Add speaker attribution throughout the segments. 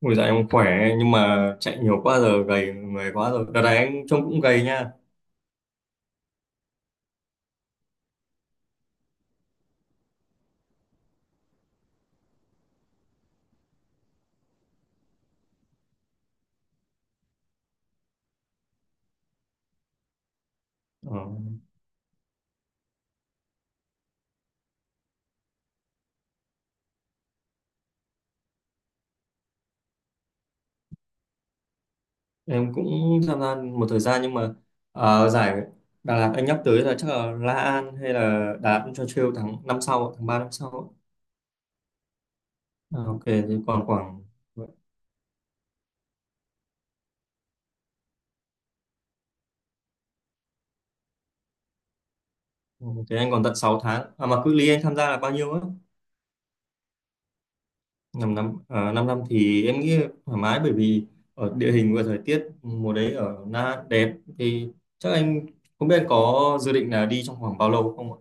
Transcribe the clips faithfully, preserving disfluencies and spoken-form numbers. Speaker 1: Ôi dạ, em khỏe nhưng mà chạy nhiều quá giờ gầy người quá rồi. Đợt này anh trông cũng gầy nha. Ờ, em cũng tham gia một thời gian nhưng mà ờ, giải Đà Lạt anh nhắc tới là chắc là La An hay là Đà Lạt cho Trail tháng năm sau, tháng ba năm sau. À, ok, thì còn khoảng thế anh còn tận sáu tháng. À mà cự ly anh tham gia là bao nhiêu á? Năm năm uh, 5 năm thì em nghĩ thoải mái, bởi vì ở địa hình và thời tiết mùa đấy ở Na đẹp thì chắc anh không biết anh có dự định là đi trong khoảng bao lâu không.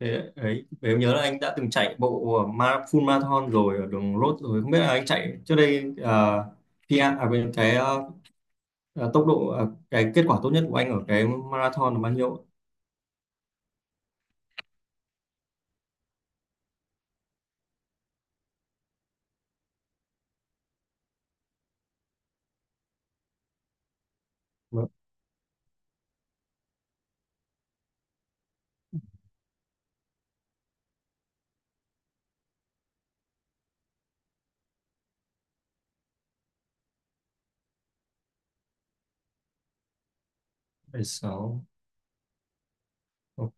Speaker 1: Thế ấy, em nhớ là anh đã từng chạy bộ ờ, ma- full marathon rồi ở đường road rồi, không biết là anh chạy trước đây à, khi à, à, bên cái à, tốc độ à, cái kết quả tốt nhất của anh ở cái marathon là bao nhiêu? Vâng, bảy sáu. Vâng,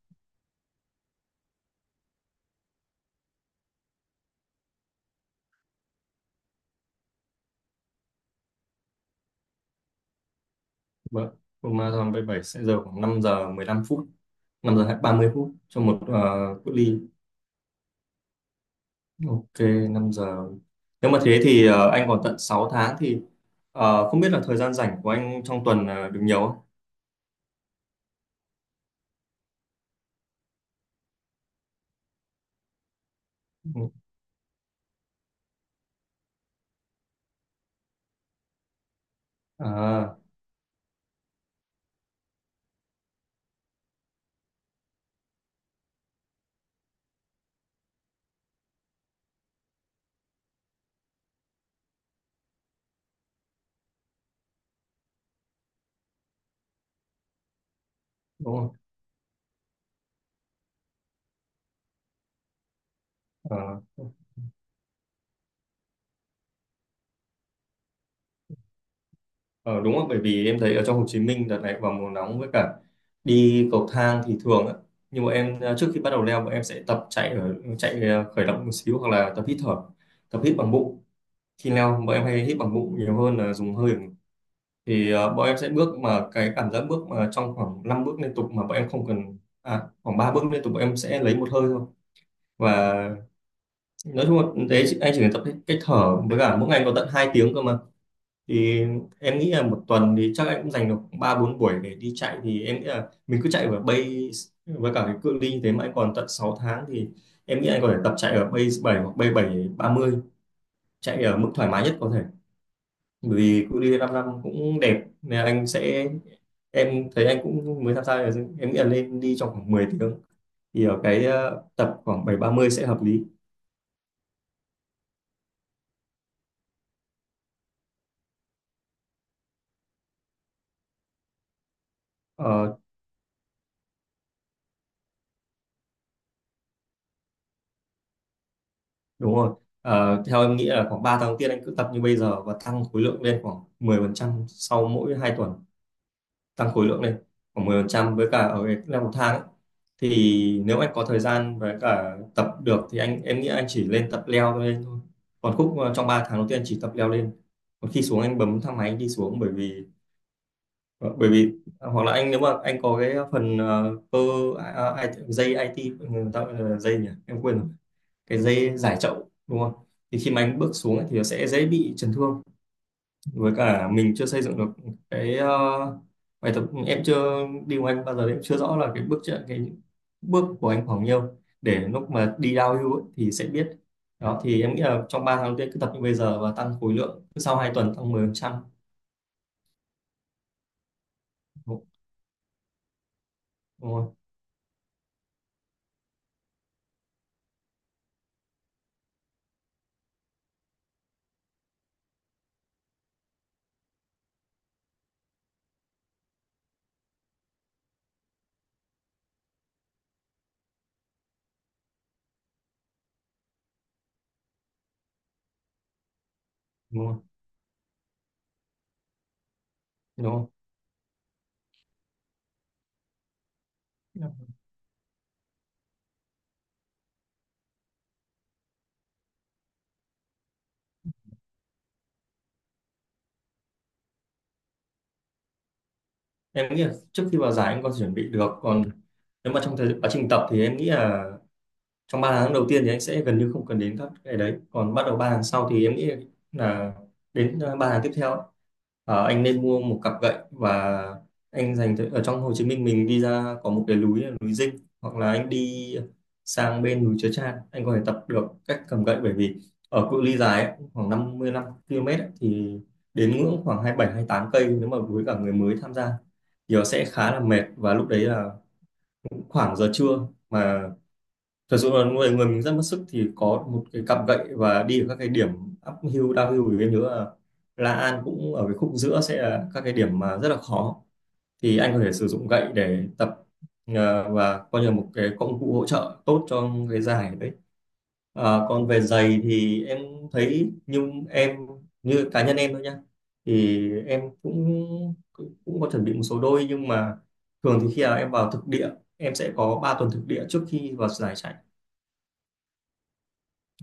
Speaker 1: vâng. Full marathon bảy bảy sẽ giờ khoảng năm giờ mười lăm phút, năm giờ ba mươi phút cho một à, cự ly. Ok, năm giờ, nếu mà thế thì à, anh còn tận sáu tháng, thì à, không biết là thời gian rảnh của anh trong tuần à, được nhiều không? Ừ. À, đúng rồi. Ờ, Ờ, đúng rồi, bởi vì em thấy ở trong Hồ Chí Minh đợt này vào mùa nóng, với cả đi cầu thang thì thường á. Nhưng mà em à, trước khi bắt đầu leo, bọn em sẽ tập chạy ở chạy à, khởi động một xíu, hoặc là tập hít thở, tập hít bằng bụng. Khi leo bọn em hay hít bằng bụng nhiều hơn là dùng hơi. Thì à, bọn em sẽ bước mà cái cảm giác bước mà trong khoảng năm bước liên tục mà bọn em không cần, à khoảng ba bước liên tục bọn em sẽ lấy một hơi thôi. Và nói chung là đấy, anh chỉ cần tập cách cách thở, với cả mỗi ngày có tận hai tiếng cơ mà, thì em nghĩ là một tuần thì chắc em cũng dành được ba bốn buổi để đi chạy, thì em nghĩ là mình cứ chạy ở base với cả cái cự ly như thế mà anh còn tận sáu tháng thì em nghĩ anh có thể tập chạy ở base bảy hoặc base bảy ba mươi, chạy ở mức thoải mái nhất có thể, bởi vì cự ly 5 năm cũng đẹp nên là anh sẽ em thấy anh cũng mới tham gia rồi em nghĩ là nên đi trong khoảng mười tiếng, thì ở cái ờ, tập khoảng bảy ba mươi sẽ hợp lý. Ờ. Đúng rồi. Ờ, theo em nghĩ là khoảng ba tháng đầu tiên anh cứ tập như bây giờ và tăng khối lượng lên khoảng mười phần trăm sau mỗi hai tuần. Tăng khối lượng lên khoảng mười phần trăm với cả ở cái là một tháng ấy. Thì nếu anh có thời gian với cả tập được thì anh em nghĩ anh chỉ lên tập leo lên thôi. Còn khúc ờ, trong ba tháng đầu tiên anh chỉ tập leo lên. Còn khi xuống anh bấm thang máy anh đi xuống, bởi vì ờ, bởi vì à, hoặc là anh, nếu mà anh có cái phần ờ, cơ à, à, dây i tê, người ta gọi là dây nhỉ em quên rồi, cái dây giải chậu, đúng không, thì khi mà anh bước xuống ấy thì nó sẽ dễ bị chấn thương với cả mình chưa xây dựng được cái, ờ, bài tập. Em chưa đi cùng anh bao giờ em chưa rõ là cái bước chạy- cái bước của anh khoảng nhiêu, để lúc mà đi downhill ấy thì sẽ biết. Đó thì em nghĩ là trong ba tháng đầu tiên cứ tập như bây giờ và tăng khối lượng cứ sau hai tuần tăng mười phần trăm, đúng đúng không, đúng không, đúng không? Em nghĩ là trước khi vào giải anh có thể chuẩn bị được, còn nếu mà trong thời quá trình tập thì em nghĩ là trong ba tháng đầu tiên thì anh sẽ gần như không cần đến các cái đấy, còn bắt đầu ba tháng sau thì em nghĩ là đến ờ, ba tháng tiếp theo ấy, ờ, anh nên mua một cặp gậy, và anh dành thời- ở trong Hồ Chí Minh mình đi ra có một cái núi là núi Dinh, hoặc là anh đi sang bên núi Chớ Chan anh có thể tập được cách cầm gậy, bởi vì ở cự ly dài ấy, khoảng năm mươi lăm ki lô mét ấy, thì đến ngưỡng khoảng hai bảy, hai tám cây nếu mà với cả người mới tham gia thì nó sẽ khá là mệt, và lúc đấy là khoảng giờ trưa mà thật sự là người người mình rất mất sức, thì có một cái cặp gậy và đi ở các cái điểm uphill downhill, thì em nhớ là La An cũng ở cái khúc giữa sẽ là các cái điểm mà rất là khó, thì anh có thể sử dụng gậy để tập, ờ, và coi như là một cái công cụ hỗ trợ tốt cho cái giải đấy. Ờ, còn về giày thì em thấy như em, như cá nhân em thôi nhá, thì em cũng cũng có chuẩn bị một số đôi, nhưng mà thường thì khi nào em vào thực địa em sẽ có ba tuần thực địa trước khi vào giải chạy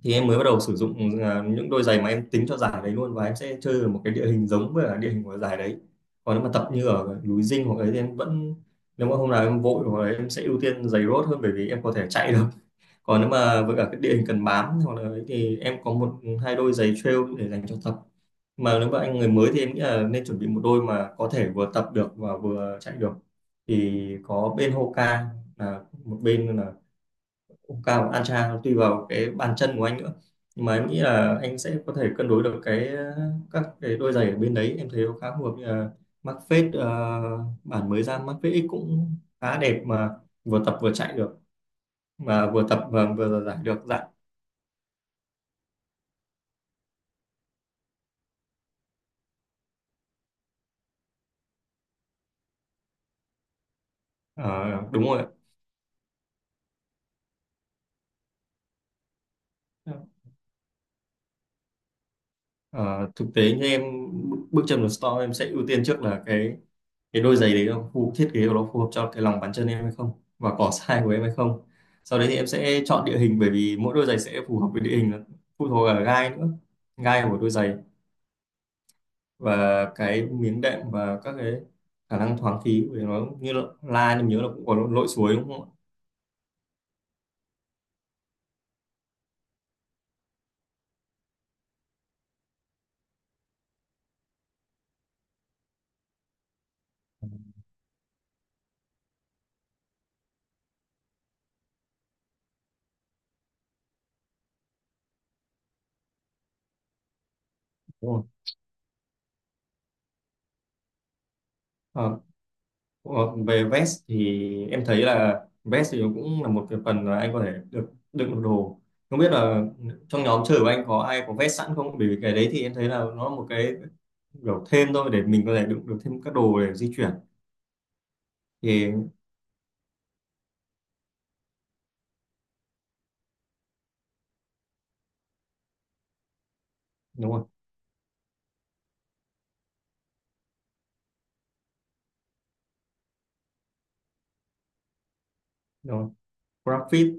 Speaker 1: thì em mới bắt đầu sử dụng à, những đôi giày mà em tính cho giải đấy luôn, và em sẽ chơi ở một cái địa hình giống với cả địa hình của giải đấy. Còn nếu mà tập như ở núi Dinh hoặc ấy thì em vẫn, nếu mà hôm nào em vội hoặc là em sẽ ưu tiên giày road hơn, bởi vì em có thể chạy được. Còn nếu mà với cả cái địa hình cần bám hoặc là ấy thì em có một hai đôi giày trail để dành cho tập, mà nếu mà anh người mới thì em nghĩ là nên chuẩn bị một đôi mà có thể vừa tập được và vừa chạy được, thì có bên Hoka, là một bên là Cao và Ancha, tùy vào cái bàn chân của anh nữa, nhưng mà em nghĩ là anh sẽ có thể cân đối được cái, các cái đôi giày ở bên đấy em thấy nó khá phù hợp, như là Mac Fade ờ, bản mới ra Mac Fade X cũng khá đẹp mà vừa tập vừa chạy được, mà vừa tập và vừa giải được dạ. Ờ, đúng rồi ạ. Ờ, thực tế như em bước chân vào store em sẽ ưu tiên trước là cái cái đôi giày đấy nó phù thiết kế của nó phù hợp cho cái lòng bàn chân em hay không, và cỏ size của em hay không. Sau đấy thì em sẽ chọn địa hình, bởi vì mỗi đôi giày sẽ phù hợp với địa hình, nó phụ thuộc ở gai nữa, gai của đôi giày và cái miếng đệm và các cái khả năng thoáng khí của nó, như là, la em nhớ là cũng có lội suối đúng không ạ. Đúng rồi. Ờ, ờ, về vest thì em thấy là vest thì nó cũng là một cái phần là anh có thể được đựng được đồ, không biết là trong nhóm chơi của anh có ai có vest sẵn không, bởi vì cái đấy thì em thấy là nó là một cái kiểu thêm thôi, để mình có thể đựng được thêm các đồ để di chuyển, thì đúng rồi, đúng rồi. GrabFit.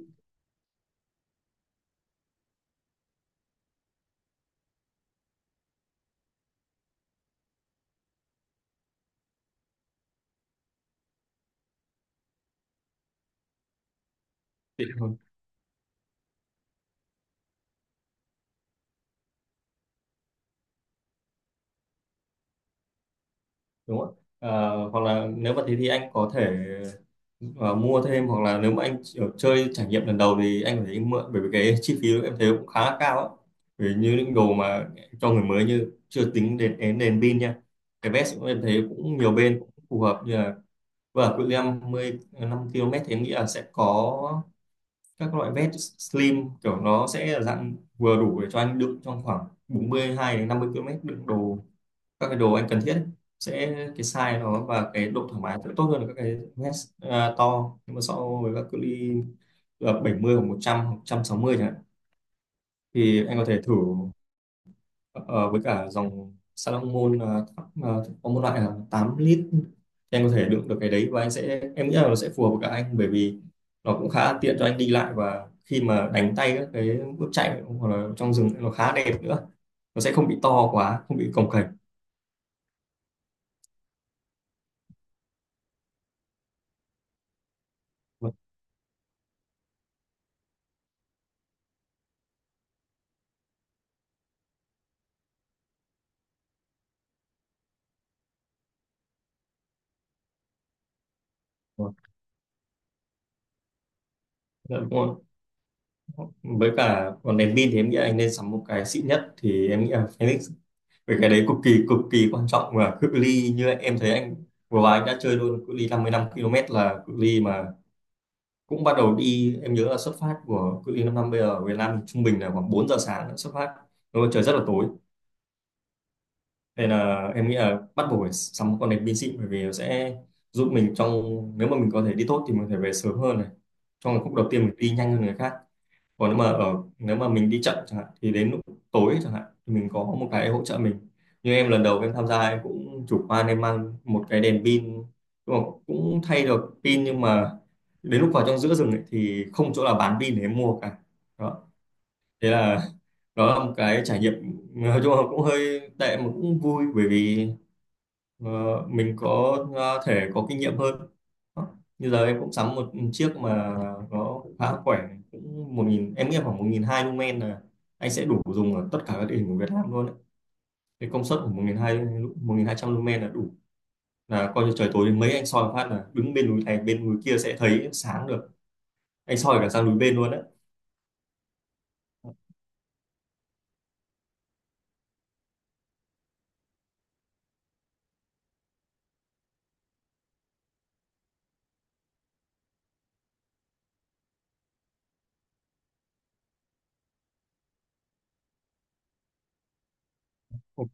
Speaker 1: thì- đúng đúng rồi. Ờ, hoặc là nếu mà thế thì anh có thể ờ, mua thêm, hoặc là nếu mà anh chỉ- chơi trải nghiệm lần đầu thì anh có thể mượn, bởi vì cái chi phí em thấy cũng khá là cao á. Vì như những đồ mà cho người mới như chưa tính đến đến đèn pin nha. Cái vest cũng em thấy cũng nhiều bên cũng phù hợp, như là vừa cự ly năm mươi năm ki lô mét thì em nghĩ là sẽ có các loại vest slim, kiểu nó sẽ là dạng vừa đủ để cho anh đựng trong khoảng bốn mươi hai đến năm mươi ki lô mét đựng đồ, các cái đồ anh cần thiết ấy. Sẽ cái size nó và cái độ thoải mái sẽ tốt hơn là các cái vest à, to, nhưng mà so với các cự ly là bảy mươi hoặc một trăm hoặc một trăm sáu mươi chẳng hạn, thì anh có thể thử. Ờ, với cả dòng Salomon ờ, thấp, ờ, có một loại là tám lít thì anh có thể đựng được cái đấy, và anh sẽ em nghĩ là nó sẽ phù hợp với cả anh, bởi vì nó cũng khá tiện cho anh đi lại và khi mà đánh tay các cái bước chạy hoặc là trong rừng nó khá đẹp nữa, nó sẽ không bị to quá, không bị cồng kềnh. Vâng, vâng. Dạ, đúng rồi. Với cả còn đèn pin thì em nghĩ anh nên sắm một cái xịn nhất, thì em nghĩ là Phoenix, về cái đấy cực kỳ cực kỳ quan trọng, và cự ly như em thấy anh vừa rồi anh đã chơi luôn cự ly năm mươi lăm ki lô mét là cự ly mà cũng bắt đầu đi, em nhớ là xuất phát của cự ly 5 năm bây giờ ở Việt Nam thì trung bình là khoảng bốn giờ sáng đã xuất phát, đúng trời rất là tối. Nên là em nghĩ là bắt buộc phải sắm một con đèn pin xịn, bởi vì nó sẽ giúp mình trong, nếu mà mình có thể đi tốt thì mình có thể về sớm hơn này, trong khúc đầu tiên mình đi nhanh hơn người khác, còn nếu mà ở, nếu mà mình đi chậm chẳng hạn thì đến lúc tối chẳng hạn thì mình có một cái hỗ trợ mình, như em lần đầu em tham gia em cũng chủ quan em mang một cái đèn pin, nhưng mà cũng thay được pin, nhưng mà đến lúc vào trong giữa rừng ấy thì không chỗ nào bán pin để em mua cả, đó thế là đó là một cái trải nghiệm nói chung là cũng hơi tệ mà cũng vui, bởi vì Ờ, mình có ờ, thể có kinh nghiệm hơn. Đó. Như giờ em cũng sắm một chiếc mà nó cũng khá khỏe, cũng một nghìn em nghĩ khoảng một nghìn hai lumen là anh sẽ đủ dùng ở tất cả các địa hình của Việt Nam luôn đấy. Cái công suất của một nghìn hai trăm, một nghìn hai trăm lumen là đủ, là coi như trời tối đến mấy anh soi một phát là đứng bên núi này bên núi kia sẽ thấy sáng được, anh soi cả sang núi bên luôn đấy. Ok,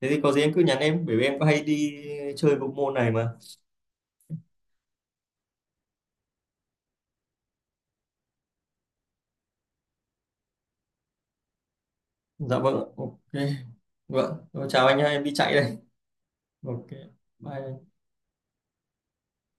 Speaker 1: thế thì có gì em cứ nhắn em, bởi vì em có hay đi chơi bộ môn này mà. Dạ, vâng, ok. Vâng, chào anh nhá, em đi chạy đây. Ok, bye.